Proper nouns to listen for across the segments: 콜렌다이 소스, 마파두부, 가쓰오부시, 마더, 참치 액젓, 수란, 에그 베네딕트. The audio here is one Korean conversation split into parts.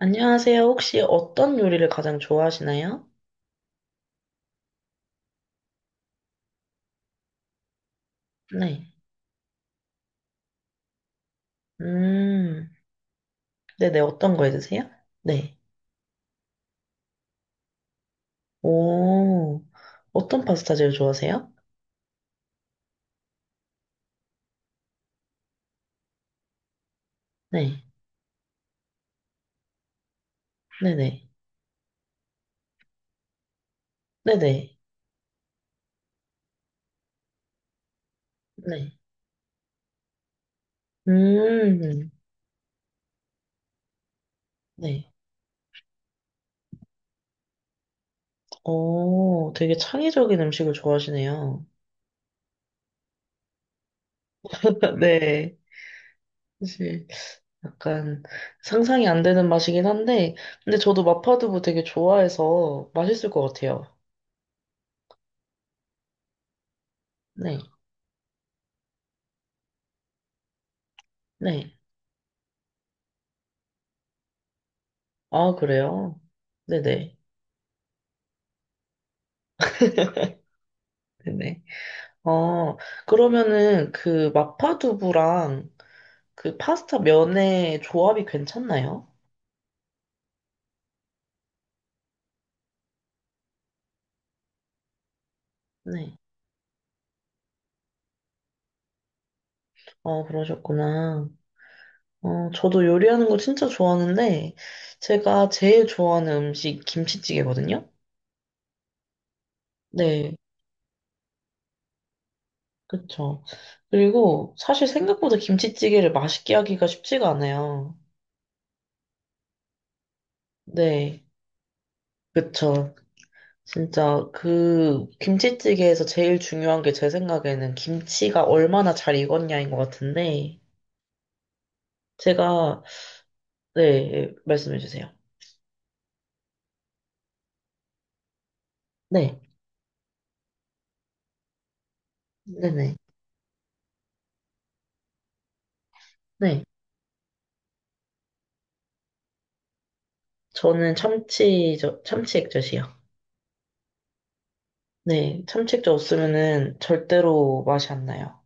안녕하세요. 혹시 어떤 요리를 가장 좋아하시나요? 네. 음, 네네. 어떤 거해 드세요? 네. 오, 어떤 파스타 제일 좋아하세요? 네. 네네. 네네. 네. 네. 네. 네. 오, 되게 창의적인 음식을 좋아하시네요. 네. 사실 약간 상상이 안 되는 맛이긴 한데, 근데 저도 마파두부 되게 좋아해서 맛있을 것 같아요. 네. 네. 아, 그래요? 네네. 네네. 어, 그러면은 그 마파두부랑 그 파스타 면의 조합이 괜찮나요? 네. 어, 그러셨구나. 어, 저도 요리하는 거 진짜 좋아하는데, 제가 제일 좋아하는 음식 김치찌개거든요? 네, 그쵸. 그리고 사실 생각보다 김치찌개를 맛있게 하기가 쉽지가 않아요. 네, 그쵸. 진짜 그 김치찌개에서 제일 중요한 게 제 생각에는 김치가 얼마나 잘 익었냐인 것 같은데, 제가, 네, 말씀해 주세요. 네, 네네, 네. 저는 참치, 저, 참치 액젓이요. 네, 참치 액젓 없으면은 절대로 맛이 안 나요.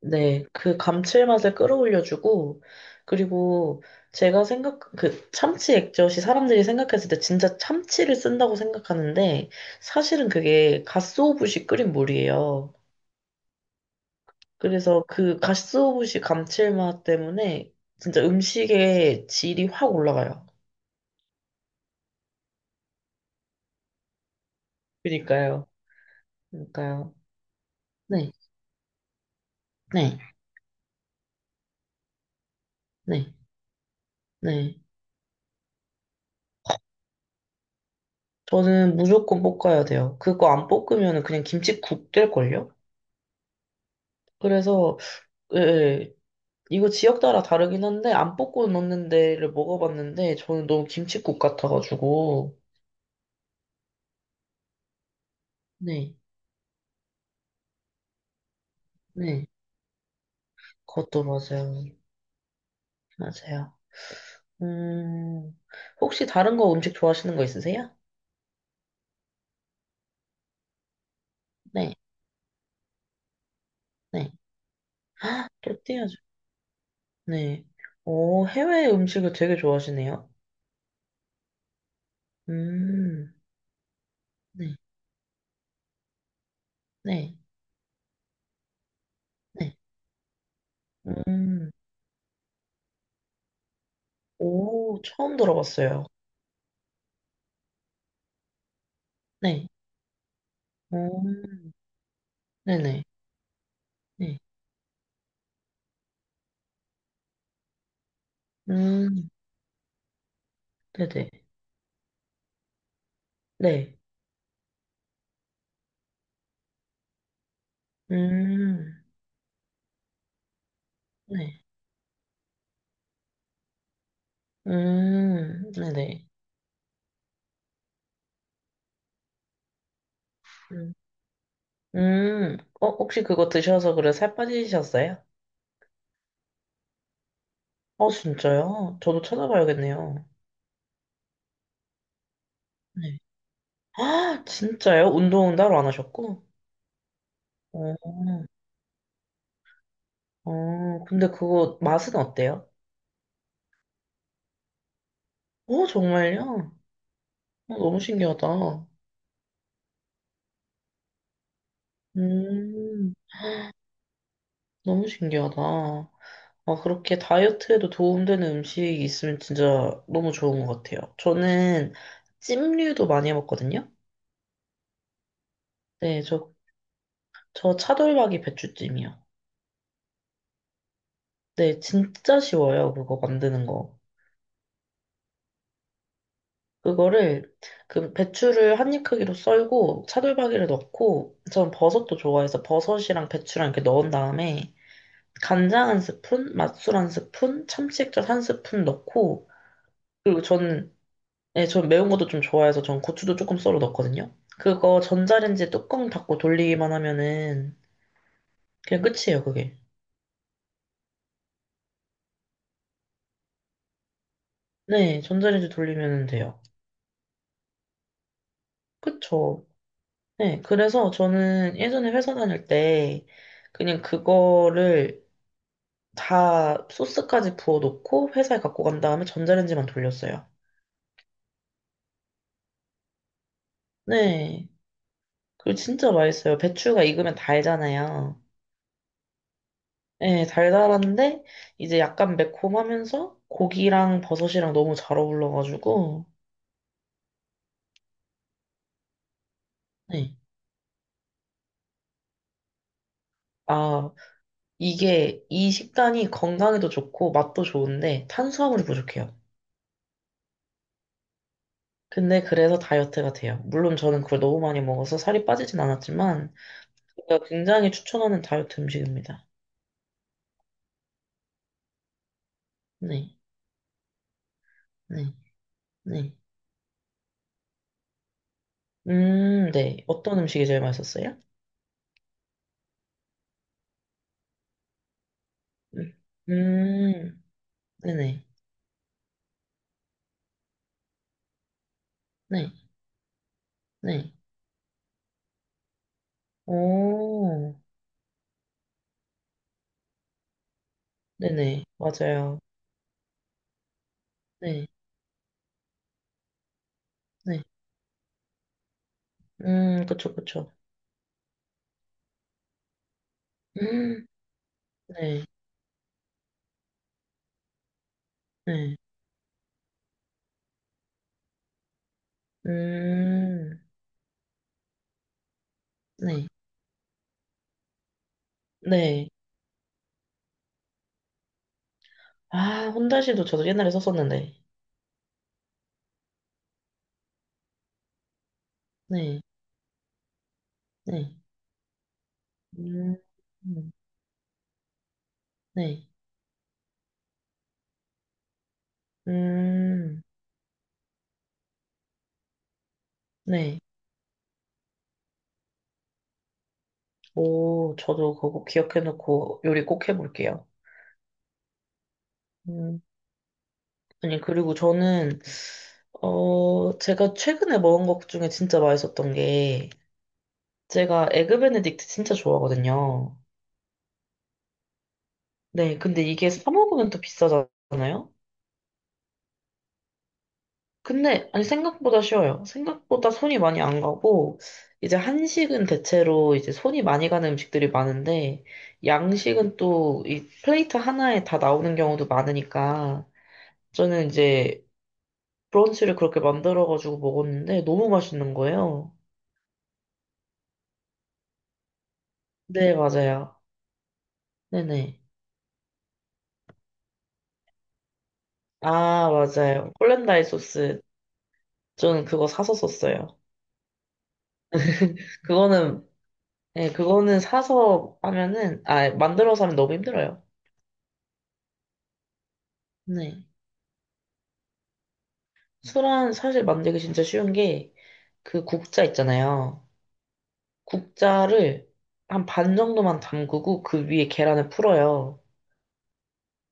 네, 그 감칠맛을 끌어올려주고, 그리고 제가 생각, 그 참치 액젓이 사람들이 생각했을 때 진짜 참치를 쓴다고 생각하는데, 사실은 그게 가쓰오부시 끓인 물이에요. 그래서 그 가쓰오부시 감칠맛 때문에 진짜 음식의 질이 확 올라가요. 그니까요. 그니까요. 네, 네, 네, 네. 저는 무조건 뽑아야 돼요. 그거 안 뽑으면 그냥 김칫국 될걸요? 그래서, 예, 예. 이거 지역 따라 다르긴 한데, 안 뽑고 넣는 데를 먹어봤는데, 저는 너무 김칫국 같아가지고. 네, 네. 그것도 맞아요. 맞아요. 음, 혹시 다른 거 음식 좋아하시는 거 있으세요? 네, 네. 또띠아죠. 네. 오, 해외 음식을 되게 좋아하시네요. 음, 네. 네, 네. 음, 음, 오, 처음 들어봤어요. 네, 음, 네네, 네, 음, 네네, 네, 음, 네, 네네, 음, 어, 혹시 그거 드셔서 그래 살 빠지셨어요? 어, 진짜요? 저도 찾아봐야겠네요. 네. 아, 진짜요? 운동은 따로 안 하셨고? 어, 어, 근데 그거 맛은 어때요? 어, 정말요? 어, 너무 신기하다. 음, 너무 신기하다. 아, 그렇게 다이어트에도 도움되는 음식이 있으면 진짜 너무 좋은 것 같아요. 저는 찜류도 많이 해먹거든요. 네, 저, 저 차돌박이 배추찜이요. 네, 진짜 쉬워요. 그거 만드는 거. 그거를, 그 배추를 한입 크기로 썰고, 차돌박이를 넣고, 전 버섯도 좋아해서 버섯이랑 배추랑 이렇게 넣은 다음에, 간장 한 스푼, 맛술 한 스푼, 참치액젓 한 스푼 넣고, 그리고 저는 네, 전 매운 것도 좀 좋아해서 전 고추도 조금 썰어 넣거든요. 그거 전자레인지 뚜껑 닫고 돌리기만 하면은 그냥 끝이에요, 그게. 네, 전자레인지 돌리면 돼요. 그쵸. 네, 그래서 저는 예전에 회사 다닐 때 그냥 그거를 다 소스까지 부어 놓고 회사에 갖고 간 다음에 전자레인지만 돌렸어요. 네, 그거 진짜 맛있어요. 배추가 익으면 달잖아요. 네, 달달한데 이제 약간 매콤하면서 고기랑 버섯이랑 너무 잘 어울러가지고 네. 아, 이게 이 식단이 건강에도 좋고 맛도 좋은데 탄수화물이 부족해요. 근데 그래서 다이어트가 돼요. 물론 저는 그걸 너무 많이 먹어서 살이 빠지진 않았지만 제가 굉장히 추천하는 다이어트 음식입니다. 네, 네, 네. 네. 어떤 음식이 제일 맛있었어요? 음, 음, 네네, 네, 네. 오, 네네, 맞아요. 네, 네. 그쵸, 그쵸. 음, 네, 네. 음, 네, 네. 아, 혼다시도 저도 옛날에 썼었는데. 네, 네. 음, 음, 네. 음, 네. 오, 저도 그거 기억해놓고 요리 꼭 해볼게요. 음, 아니, 그리고 저는, 어, 제가 최근에 먹은 것 중에 진짜 맛있었던 게, 제가 에그 베네딕트 진짜 좋아하거든요. 네, 근데 이게 사 먹으면 또 비싸잖아요? 근데, 아니, 생각보다 쉬워요. 생각보다 손이 많이 안 가고, 이제 한식은 대체로 이제 손이 많이 가는 음식들이 많은데, 양식은 또 이 플레이트 하나에 다 나오는 경우도 많으니까, 저는 이제 브런치를 그렇게 만들어가지고 먹었는데, 너무 맛있는 거예요. 네, 맞아요. 네네. 아, 맞아요. 콜렌다이 소스. 저는 그거 사서 썼어요. 그거는, 네, 그거는 사서 하면은, 아, 만들어서 하면 너무 힘들어요. 네. 술은 사실 만들기 진짜 쉬운 게 그 국자 있잖아요. 국자를 한 반 정도만 담그고 그 위에 계란을 풀어요.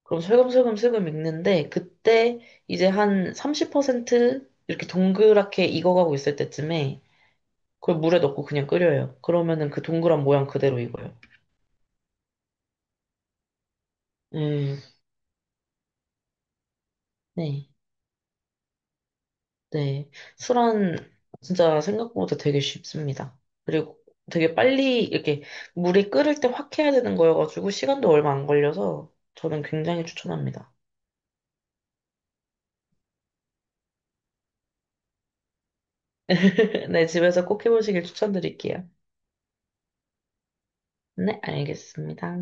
그럼 슬금슬금 슬금 익는데 그때 이제 한 30% 이렇게 동그랗게 익어가고 있을 때쯤에 그걸 물에 넣고 그냥 끓여요. 그러면은 그 동그란 모양 그대로 익어요. 음, 네. 네. 수란 진짜 생각보다 되게 쉽습니다. 그리고 되게 빨리 이렇게 물이 끓을 때 확 해야 되는 거여가지고 시간도 얼마 안 걸려서 저는 굉장히 추천합니다. 네, 집에서 꼭 해보시길 추천드릴게요. 네, 알겠습니다.